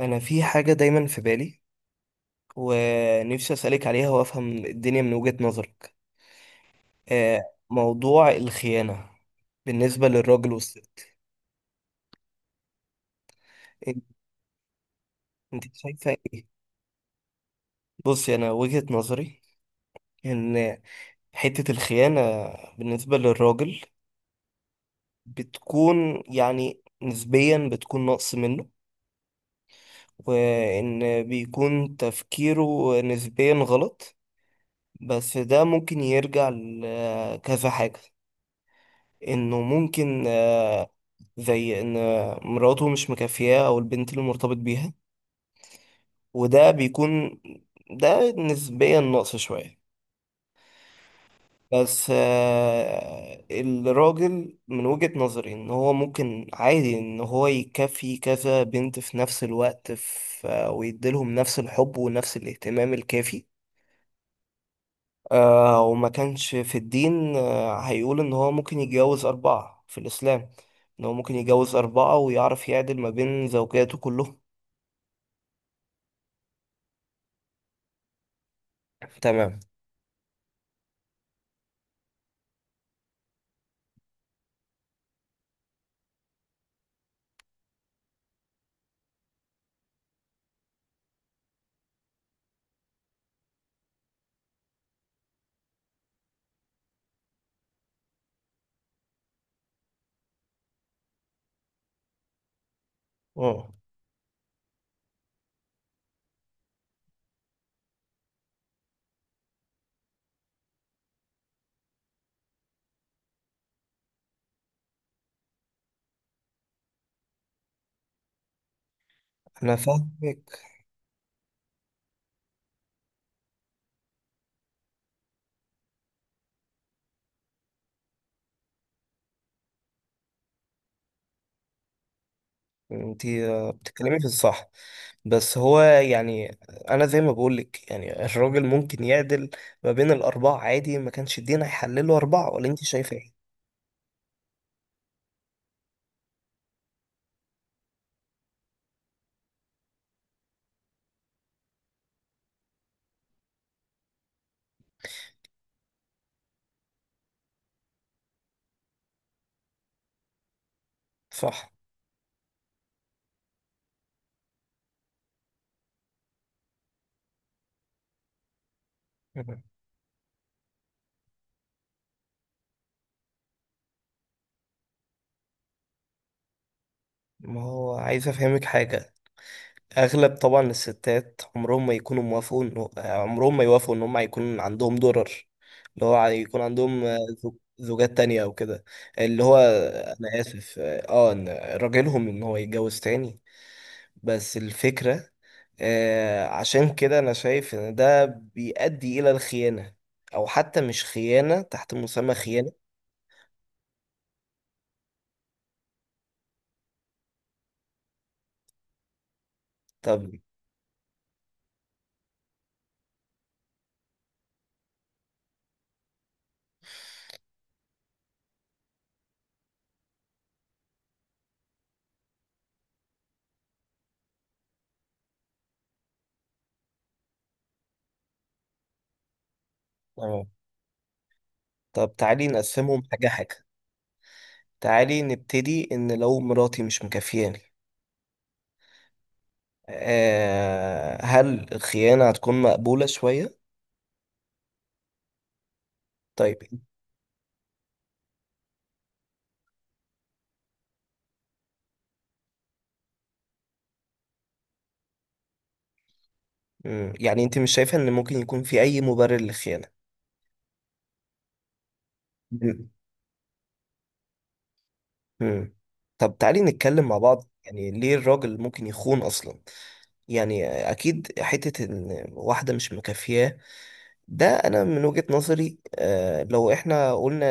انا في حاجه دايما في بالي ونفسي اسالك عليها وافهم الدنيا من وجهه نظرك. آه، موضوع الخيانه بالنسبه للراجل والست. انت إنت شايفه ايه؟ بصي، انا وجهه نظري ان حته الخيانه بالنسبه للراجل بتكون، يعني، نسبيا بتكون نقص منه، وان بيكون تفكيره نسبيا غلط. بس ده ممكن يرجع لكذا حاجه. انه ممكن، زي ان مراته مش مكافياه او البنت اللي مرتبط بيها. وده بيكون ده نسبيا نقص شوية. بس الراجل من وجهة نظري ان هو ممكن عادي ان هو يكفي كذا بنت في نفس الوقت، في آه، ويديلهم نفس الحب ونفس الاهتمام الكافي. وما كانش في الدين، هيقول ان هو ممكن يتجوز اربعة في الاسلام. ان هو ممكن يتجوز اربعة ويعرف يعدل ما بين زوجاته كلهم. تمام. اه، انا فاهمك. انت بتتكلمي في الصح، بس هو يعني انا زي ما بقولك، يعني الراجل ممكن يعدل ما بين الاربعه عادي. ما كانش الدين هيحلله اربعه؟ ولا انت شايفه ايه؟ صح. مم. ما هو عايز افهمك حاجه. اغلب طبعا الستات عمرهم ما يكونوا موافقوا إنه- عمرهم ما يوافقوا ان هم هيكون عندهم درر، اللي هو يكون عندهم، زوجات تانية او كده. اللي هو انا اسف، ان راجلهم ان هو يتجوز تاني. بس الفكرة، عشان كده أنا شايف إن ده بيؤدي إلى الخيانة، أو حتى مش خيانة تحت مسمى خيانة. طب آه. طب تعالي نقسمهم حاجة حاجة. تعالي نبتدي إن لو مراتي مش مكافياني، هل الخيانة هتكون مقبولة شوية؟ طيب. مم. يعني أنت مش شايفة إن ممكن يكون في أي مبرر للخيانة؟ مم. مم. طب تعالي نتكلم مع بعض يعني ليه الراجل ممكن يخون أصلا؟ يعني اكيد حته ان واحده مش مكافياه. ده انا من وجهه نظري، لو احنا قلنا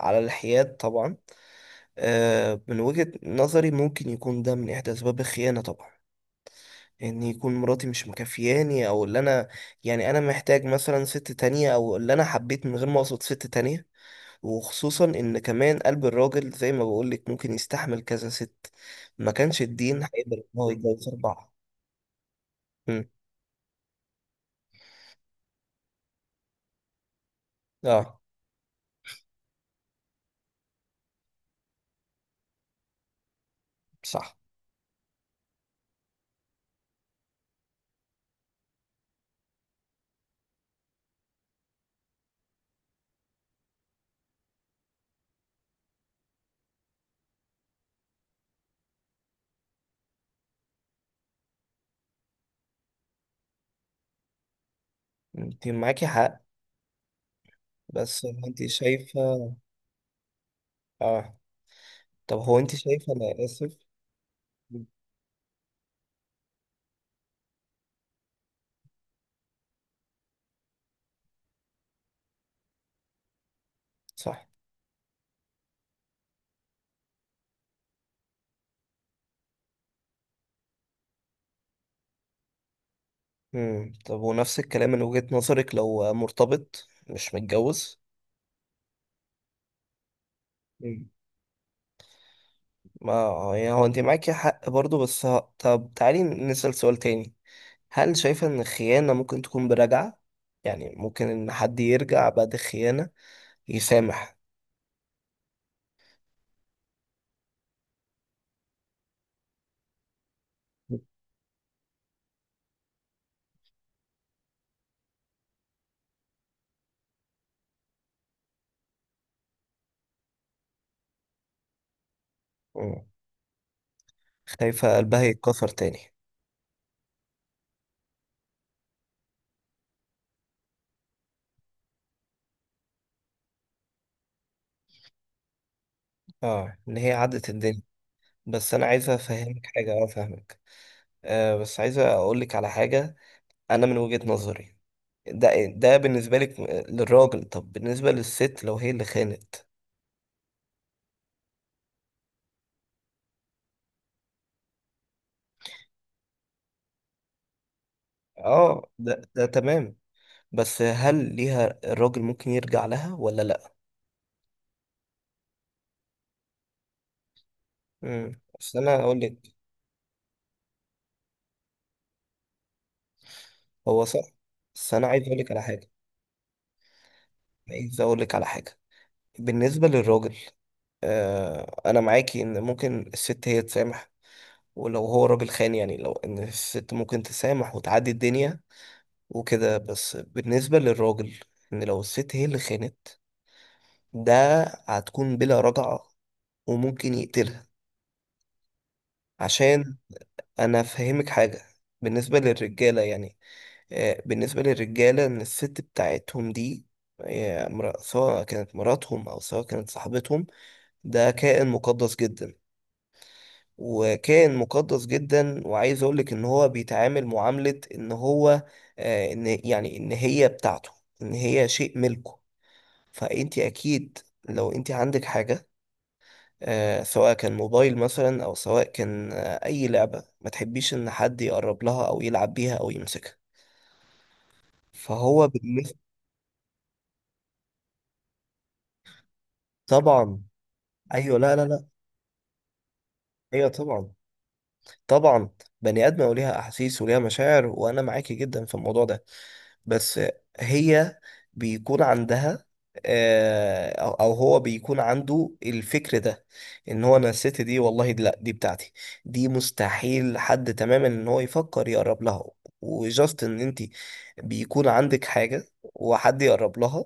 على الحياد طبعا، من وجهه نظري ممكن يكون ده من احدى اسباب الخيانه طبعا. ان يكون مراتي مش مكافياني، او اللي انا يعني انا محتاج مثلا ست تانية، او اللي انا حبيت من غير ما اقصد ست تانية. وخصوصا ان كمان قلب الراجل زي ما بقولك ممكن يستحمل كذا ست، ما كانش الدين هيقدر ان هو يتجوز اربعة. مم. اه. صح. انت معاكي حق. بس هو انت شايفة اه طب، هو انت شايفة، انا اسف. صح. مم. طب ونفس الكلام من وجهة نظرك لو مرتبط مش متجوز. مم. ما يعني هو انت معاكي حق برضو، طب تعالي نسأل سؤال تاني. هل شايفة ان الخيانة ممكن تكون برجعة؟ يعني ممكن ان حد يرجع بعد الخيانة، يسامح؟ مم. خايفة قلبها يتكسر تاني؟ اه، ان هي عدت الدنيا. بس انا عايزة افهمك حاجة. اه، فاهمك. بس عايزة اقولك على حاجة. انا من وجهة نظري، ده بالنسبة لك، للراجل. طب بالنسبة للست لو هي اللي خانت. اه، ده تمام. بس هل ليها الراجل ممكن يرجع لها ولا لا؟ بس انا اقول لك. هو صح، بس انا عايز اقول لك على حاجة. عايز اقول لك على حاجة بالنسبة للراجل، انا معاكي ان ممكن الست هي تسامح ولو هو راجل خان. يعني لو ان الست ممكن تسامح وتعدي الدنيا وكده. بس بالنسبة للراجل، ان لو الست هي اللي خانت، ده هتكون بلا رجعة وممكن يقتلها. عشان انا افهمك حاجة. بالنسبة للرجالة، يعني، بالنسبة للرجالة ان الست بتاعتهم دي، سواء كانت مراتهم او سواء كانت صاحبتهم. ده كائن مقدس جدا وكان مقدس جدا. وعايز اقول لك ان هو بيتعامل معاملة ان هو، ان، يعني، ان هي بتاعته، ان هي شيء ملكه. فانت اكيد لو انت عندك حاجة، سواء كان موبايل مثلا او سواء كان، اي لعبة ما تحبيش ان حد يقرب لها او يلعب بيها او يمسكها. فهو بالنسبة طبعا. ايوه. لا، لا، لا. ايوه، طبعا. طبعا، بني ادم وليها احاسيس وليها مشاعر، وانا معاكي جدا في الموضوع ده. بس هي بيكون عندها آه، أو هو بيكون عنده الفكر ده. ان هو، انا الست دي والله، دي، لا، دي بتاعتي. دي مستحيل حد تماما ان هو يفكر يقرب لها. وجاست ان انت بيكون عندك حاجة وحد يقرب لها،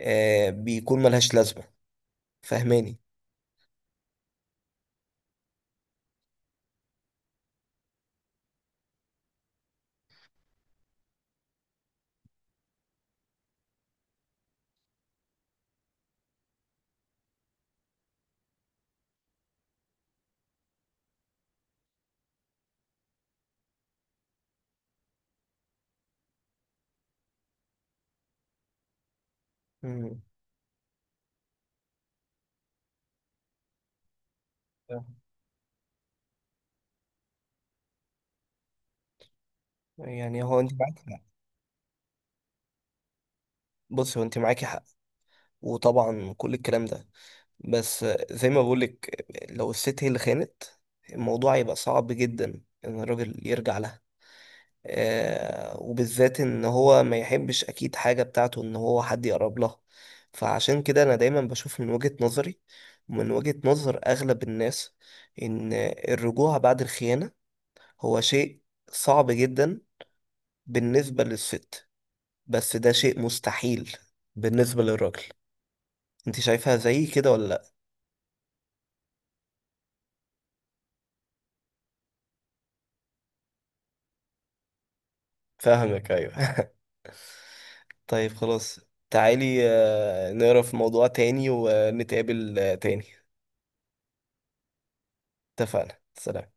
بيكون ملهاش لازمة. فاهماني؟ مم. يعني هو انت معاكي حق. بص، هو انت معاكي حق، وطبعا كل الكلام ده، بس زي ما بقولك لو الست هي اللي خانت، الموضوع يبقى صعب جدا ان الراجل يرجع لها. وبالذات ان هو ما يحبش اكيد حاجة بتاعته ان هو حد يقرب لها. فعشان كده انا دايما بشوف من وجهة نظري ومن وجهة نظر اغلب الناس، ان الرجوع بعد الخيانة هو شيء صعب جدا بالنسبة للست، بس ده شيء مستحيل بالنسبة للراجل. انت شايفها زي كده ولا لا؟ فاهمك. ايوه. طيب خلاص، تعالي، نقرا في موضوع تاني ونتقابل، تاني. اتفقنا. سلام.